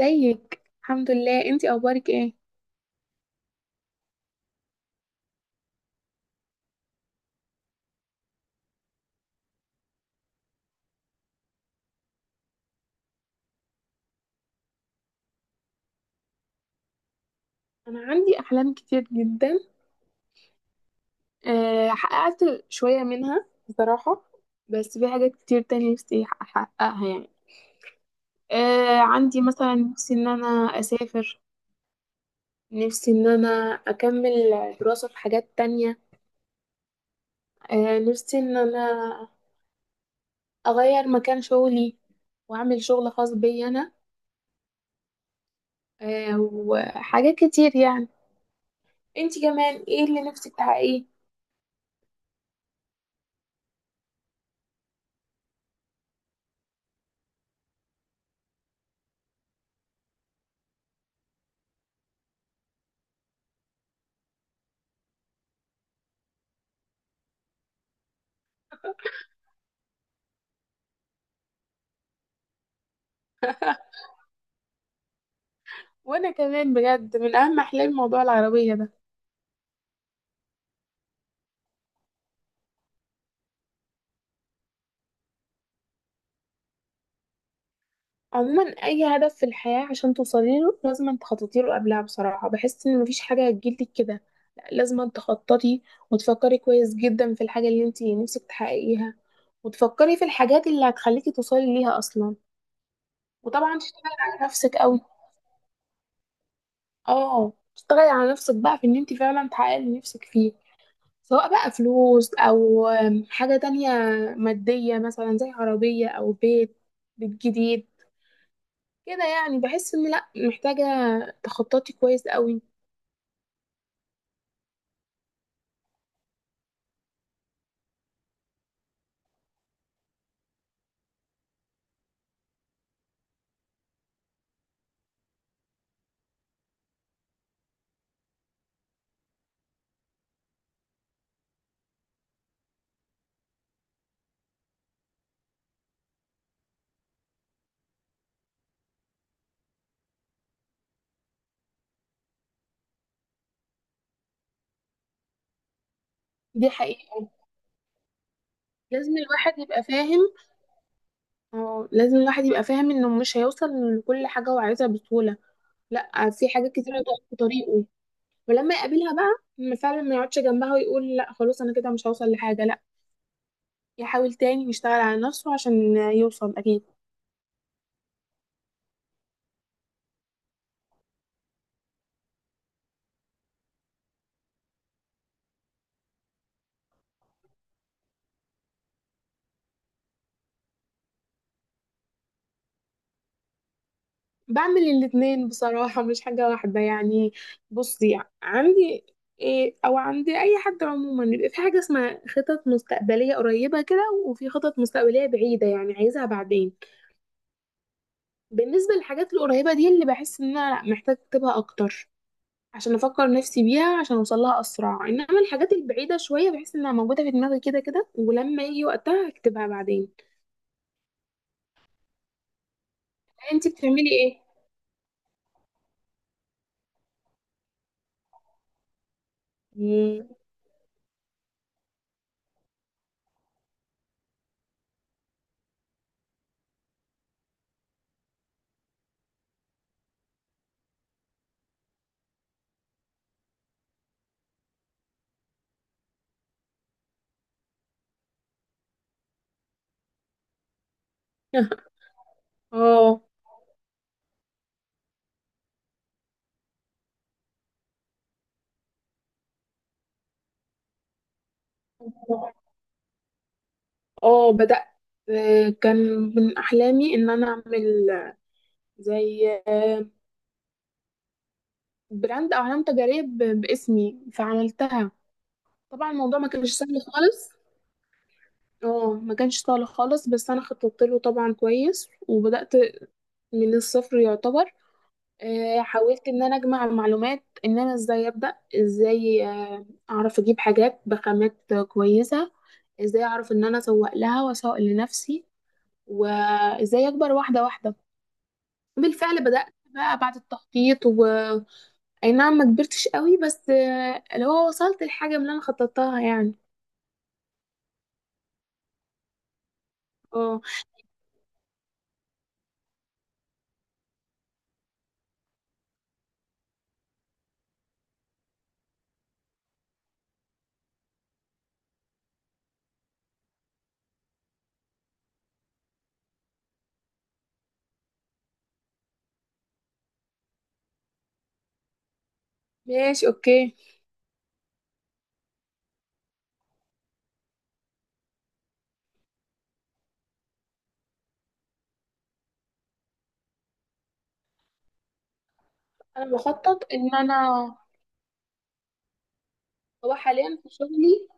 ازيك؟ الحمد لله، انتي اخبارك ايه؟ انا عندي احلام كتير جدا، حققت شويه منها بصراحه. بس في حاجات كتير تانية نفسي احققها يعني. عندي مثلا نفسي ان انا اسافر. نفسي ان انا اكمل دراسه في حاجات تانية. نفسي ان انا اغير مكان شغلي واعمل شغل خاص بي انا. وحاجات كتير يعني. انتي كمان ايه اللي نفسك تحققيه؟ وانا كمان بجد من اهم احلامي موضوع العربيه ده. عموما اي هدف في الحياه عشان توصلي له لازم تخططي له قبلها. بصراحه بحس ان مفيش حاجه هتجيلك كده، لا، لازم تخططي وتفكري كويس جدا في الحاجه اللي انت نفسك تحققيها. وتفكري في الحاجات اللي هتخليكي توصلي ليها اصلا. وطبعا تشتغلي على نفسك قوي. اه، تشتغلي على نفسك بقى في ان انت فعلا تحققي اللي نفسك فيه، سواء بقى فلوس او حاجه تانية ماديه مثلا، زي عربيه او بيت جديد كده يعني. بحس ان لا، محتاجة تخططي كويس قوي. دي حقيقة. لازم الواحد يبقى فاهم اه لازم الواحد يبقى فاهم انه مش هيوصل لكل حاجة هو عايزها بسهولة. لا، في حاجات كتيرة هتقف في طريقه. ولما يقابلها بقى ما يقعدش جنبها ويقول لا خلاص انا كده مش هوصل لحاجة، لا. يحاول تاني ويشتغل على نفسه عشان يوصل اكيد. بعمل الاتنين بصراحة، مش حاجة واحدة يعني. بصي، عندي إيه أو عندي أي حد عموما بيبقى في حاجة اسمها خطط مستقبلية قريبة كده، وفي خطط مستقبلية بعيدة يعني عايزها بعدين. بالنسبة للحاجات القريبة دي، اللي بحس إن أنا، لأ، محتاجة أكتبها أكتر عشان أفكر نفسي بيها عشان أوصلها أسرع. إنما الحاجات البعيدة شوية بحس إنها موجودة في دماغي كده كده، ولما يجي وقتها هكتبها بعدين. أنتي بتعملي إيه؟ مم. اه. اه، بدأت. كان من أحلامي إن أنا أعمل زي، براند أو علامة تجارية باسمي، فعملتها. طبعا الموضوع ما كانش سهل خالص. اه، ما كانش سهل خالص بس أنا خططت له طبعا كويس، وبدأت من الصفر يعتبر. حاولت إن أنا أجمع معلومات، إن أنا إزاي أبدأ، إزاي أعرف أجيب حاجات بخامات كويسة، إزاي أعرف إن أنا أسوق لها وأسوق لنفسي، وإزاي أكبر واحدة واحدة. بالفعل بدأت بقى بعد التخطيط. أي نعم، ما كبرتش قوي بس اللي هو وصلت الحاجة اللي أنا خططتها يعني. اه، ماشي، اوكي. أنا بخطط إن أنا. هو حاليا في شغلي.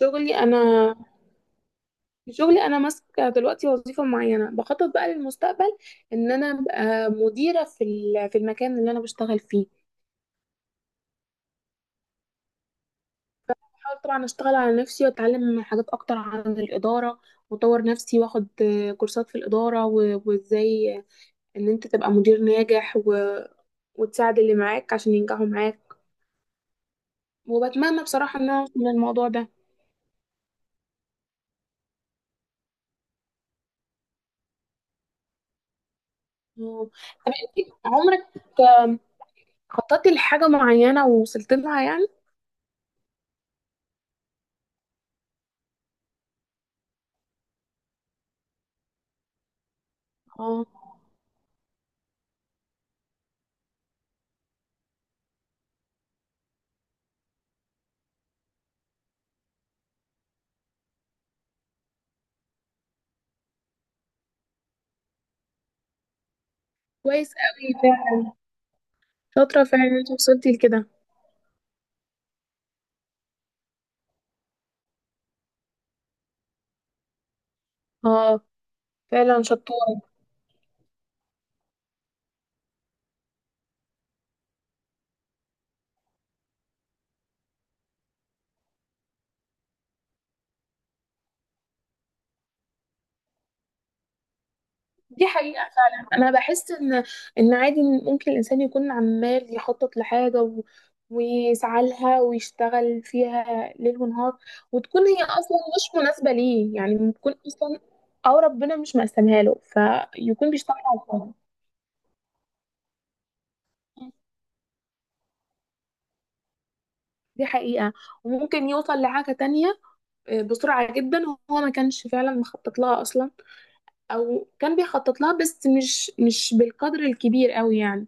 شغلي أنا. في شغلي أنا ماسكة دلوقتي وظيفة معينة، بخطط بقى للمستقبل إن أنا أبقى مديرة في المكان اللي أنا بشتغل فيه. بحاول طبعا أشتغل على نفسي وأتعلم حاجات أكتر عن الإدارة، وأطور نفسي وأخد كورسات في الإدارة وإزاي ان انت تبقى مدير ناجح وتساعد اللي معاك عشان ينجحوا معاك. وبتمنى بصراحة ان انا اوصل للموضوع ده. آه. طب، انت عمرك آم، خططتي لحاجة معينة ووصلت لها يعني؟ اه، كويس قوي فعلا. شاطرة فعلا، انت وصلتي لكده. اه، فعلا شطورة. دي حقيقة فعلا. أنا بحس إن عادي إن ممكن الإنسان يكون عمال يخطط لحاجة، ويسعى لها ويشتغل فيها ليل ونهار، وتكون هي أصلا مش مناسبة ليه يعني، بتكون أصلا، أو ربنا مش مقسمها له، فيكون بيشتغل على الفاضي. دي حقيقة. وممكن يوصل لحاجة تانية بسرعة جدا، هو ما كانش فعلا مخطط لها أصلا، أو كان بيخطط لها بس مش بالقدر الكبير أوي يعني.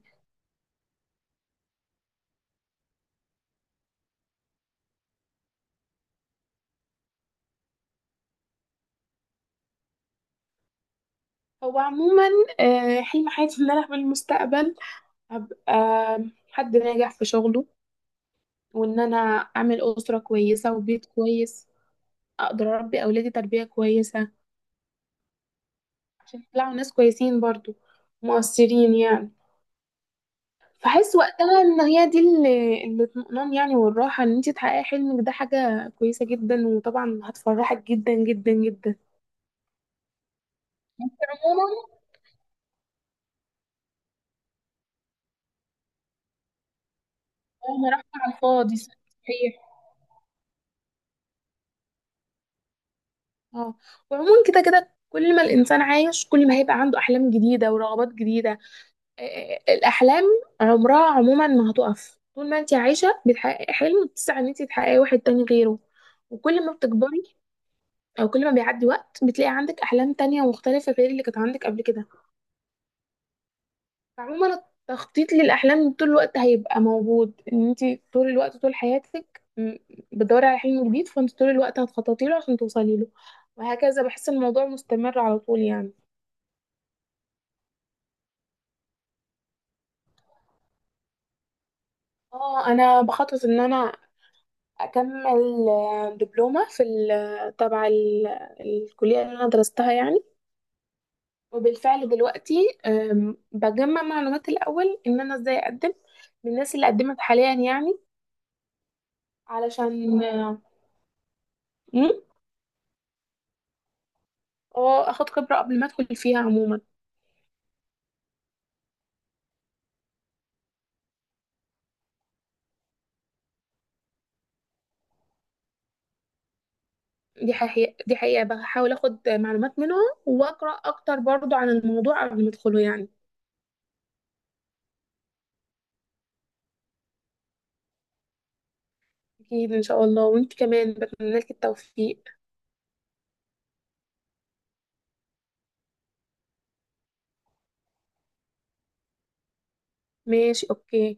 هو عموما، حلم حياتي ان انا في المستقبل ابقى حد ناجح في شغله، وان انا اعمل اسره كويسه وبيت كويس، اقدر اربي اولادي تربيه كويسه عشان يطلعوا ناس كويسين برضو، مؤثرين يعني. فحس وقتها ان هي دي اللي الاطمئنان يعني، والراحه. ان انت تحققي حلمك ده حاجه كويسه جدا، وطبعا هتفرحك جدا جدا جدا. عموما، انا رحت على الفاضي صحيح. اه، وعموما كده كده، كل ما الانسان عايش كل ما هيبقى عنده احلام جديده ورغبات جديده. آه، الاحلام عمرها عموما ما هتقف. طول ما انت عايشه بتحققي حلم، بتسعي ان انت تحققي واحد تاني غيره. وكل ما بتكبري، او كل ما بيعدي وقت، بتلاقي عندك احلام تانية مختلفه غير اللي كانت عندك قبل كده. فعموما، التخطيط للاحلام طول الوقت هيبقى موجود، ان انت طول الوقت طول حياتك، بتدوري على حلم جديد، فانت طول الوقت هتخططي له عشان توصلي له، وهكذا. بحس الموضوع مستمر على طول يعني. اه، انا بخطط ان انا اكمل دبلومه في ال- آه، تبع ال- الكليه اللي انا درستها يعني. وبالفعل دلوقتي بجمع معلومات الاول ان انا ازاي اقدم من الناس اللي قدمت حاليا يعني. علشان مم، اه اخد خبره قبل ما ادخل فيها عموما. دي حقيقه، دي حقيقه، بحاول اخد معلومات منهم، واقرا اكتر برضو عن الموضوع قبل ما ادخله يعني. اكيد ان شاء الله. وانت كمان بتمنى لك التوفيق. ماشي، اوكي.